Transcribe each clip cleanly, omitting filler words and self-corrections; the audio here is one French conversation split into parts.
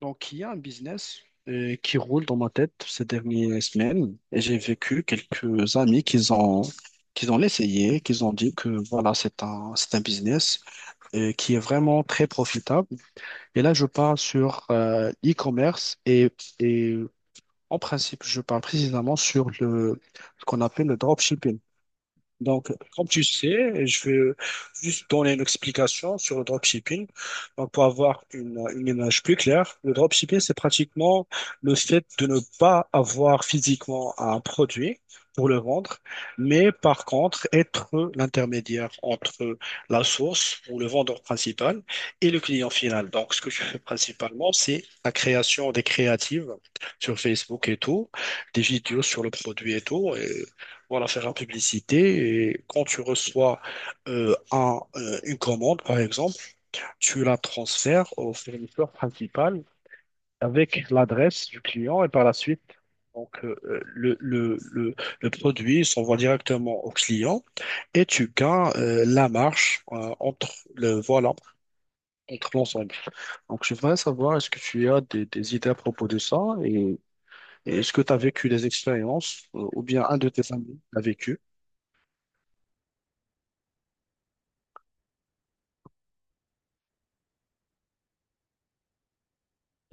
Donc, il y a un business qui roule dans ma tête ces dernières semaines et j'ai vécu quelques amis qui ont essayé, qui ont dit que voilà, c'est un business qui est vraiment très profitable. Et là, je parle sur l'e-commerce et en principe, je parle précisément sur ce qu'on appelle le dropshipping. Donc, comme tu sais, je vais juste donner une explication sur le dropshipping. Donc, pour avoir une image plus claire, le dropshipping, c'est pratiquement le fait de ne pas avoir physiquement un produit pour le vendre, mais par contre, être l'intermédiaire entre la source ou le vendeur principal et le client final. Donc, ce que je fais principalement, c'est la création des créatives sur Facebook et tout, des vidéos sur le produit et tout. Et voilà, faire la publicité. Et quand tu reçois une commande, par exemple, tu la transfères au fournisseur principal avec l'adresse du client et par la suite, donc, euh, le, le, le, le produit s'envoie directement au client et tu gagnes la marge entre voilà, entre l'ensemble. Donc, je voudrais savoir, est-ce que tu as des idées à propos de ça et, et est-ce que tu as vécu des expériences ou bien un de tes amis l'a vécu?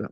euh,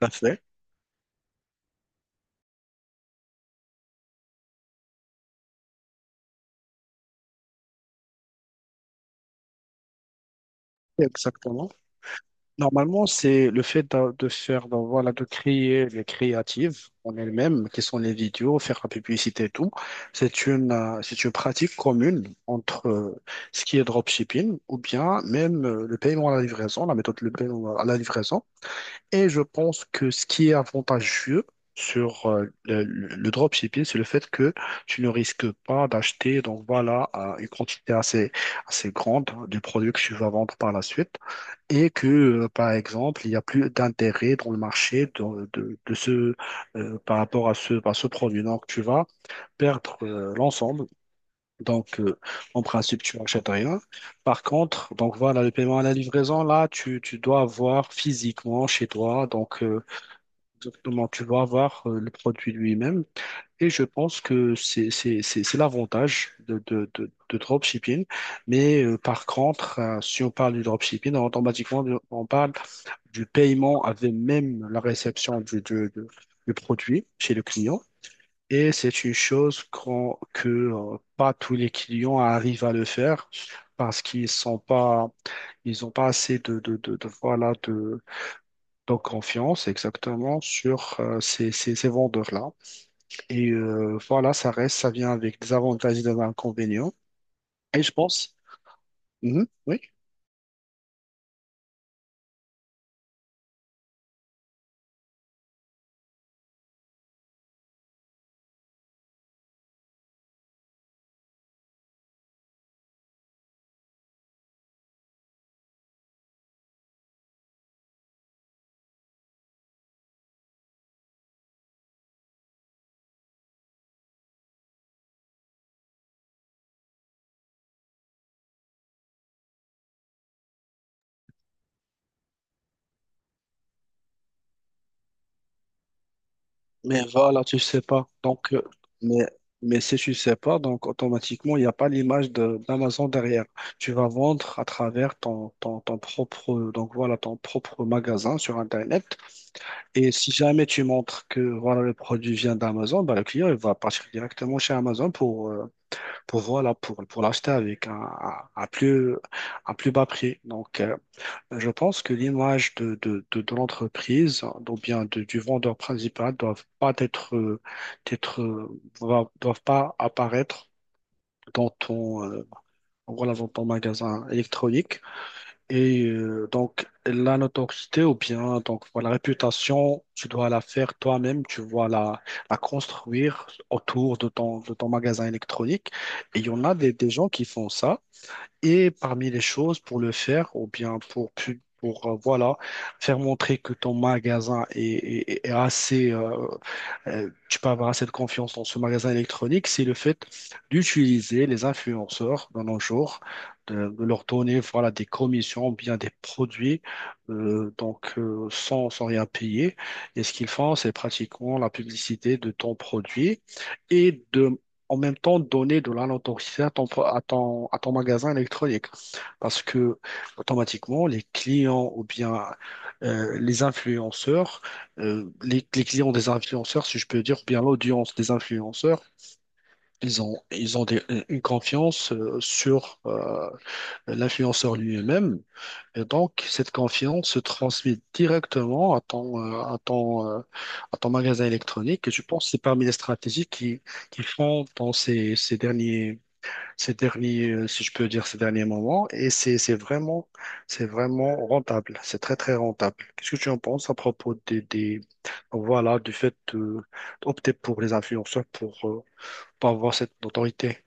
l'a fait. Exactement. Normalement, c'est le fait voilà, de créer les créatives en elles-mêmes, qui sont les vidéos, faire la publicité et tout. C'est c'est une pratique commune entre ce qui est dropshipping ou bien même le paiement à la livraison, la méthode de paiement à la livraison. Et je pense que ce qui est avantageux sur le dropshipping, c'est le fait que tu ne risques pas d'acheter, donc voilà, une quantité assez grande du produit que tu vas vendre par la suite et que, par exemple, il n'y a plus d'intérêt dans le marché de ce, par rapport à ce produit. Donc, tu vas perdre l'ensemble. Donc, en principe, tu n'achètes rien. Par contre, donc voilà, le paiement à la livraison, là, tu dois avoir physiquement chez toi. Donc, exactement, tu dois avoir le produit lui-même. Et je pense que c'est l'avantage de dropshipping. Mais par contre, si on parle du dropshipping, automatiquement, on parle du paiement avec même la réception du produit chez le client. Et c'est une chose que pas tous les clients arrivent à le faire parce qu'ils sont pas, ils n'ont pas assez voilà, de confiance exactement sur ces vendeurs-là. Et voilà, ça reste, ça vient avec des avantages et des inconvénients. Et je pense, mhm, oui, mais voilà, tu sais pas. Donc, mais, mais si tu sais pas, donc automatiquement, il n'y a pas l'image d'Amazon derrière. Tu vas vendre à travers ton propre, donc voilà, ton propre magasin sur Internet. Et si jamais tu montres que voilà, le produit vient d'Amazon, bah, le client, il va partir directement chez Amazon pour voilà, pour l'acheter avec un plus bas prix. Donc, je pense que l'image de l'entreprise, ou bien du vendeur principal, doivent pas être, être, doivent pas apparaître dans ton, voilà, dans ton magasin électronique. Et donc, la notoriété, ou bien donc, voilà, la réputation, tu dois la faire toi-même, tu dois la, la construire autour de ton magasin électronique. Et il y en a des gens qui font ça. Et parmi les choses pour le faire, ou bien pour, pour voilà, faire montrer que ton magasin est assez, tu peux avoir assez de confiance dans ce magasin électronique, c'est le fait d'utiliser les influenceurs dans nos jours, de leur donner voilà, des commissions ou bien des produits donc, sans rien payer. Et ce qu'ils font, c'est pratiquement la publicité de ton produit et de en même temps donner de la notoriété à ton, pro- à ton magasin électronique. Parce que automatiquement, les clients ou bien les influenceurs les clients des influenceurs, si je peux dire, ou bien l'audience des influenceurs, ils ont des- une confiance sur l'influenceur lui-même. Et donc, cette confiance se transmet directement à ton, à ton, à ton magasin électronique. Et je pense que c'est parmi les stratégies qui font dans ces, ces derniers, si je peux dire, ces derniers moments. Et c'est vraiment rentable. C'est très, très rentable. Qu'est-ce que tu en penses à propos des, voilà, du fait d'opter pour les influenceurs pour avoir cette autorité?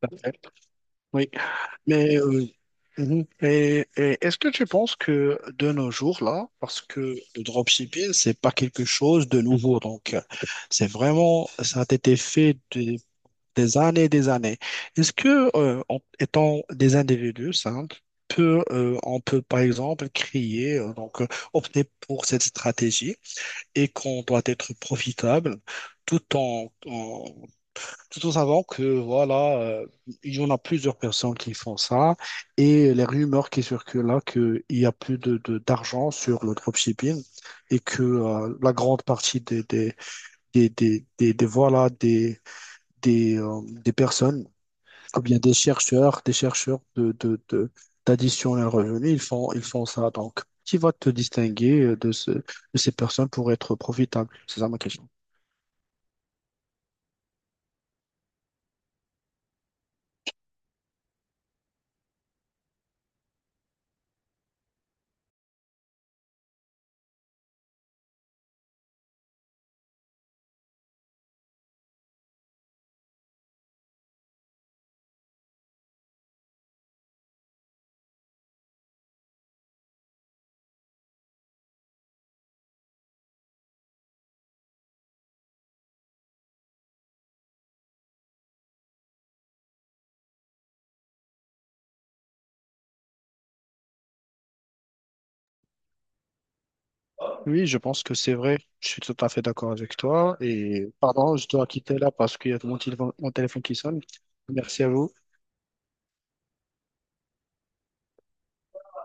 Parfait. Oui, mais mhm. Et est-ce que tu penses que de nos jours là, parce que le dropshipping c'est pas quelque chose de nouveau, donc c'est vraiment ça a été fait des années et des années. Est-ce que, en étant des individus simples, peut, on peut par exemple créer, donc opter pour cette stratégie et qu'on doit être profitable tout en, en- tout en savant que voilà, il y en a plusieurs personnes qui font ça et les rumeurs qui circulent là qu'il y a plus d'argent sur le dropshipping et que la grande partie voilà, des personnes ou bien des chercheurs, d'addition à un revenu, ils font ça. Donc, qui va te distinguer de, de ces personnes pour être profitable? C'est ça ma question. Oui, je pense que c'est vrai. Je suis tout à fait d'accord avec toi. Et pardon, je dois quitter là parce qu'il y a mon téléphone qui sonne. Merci à vous.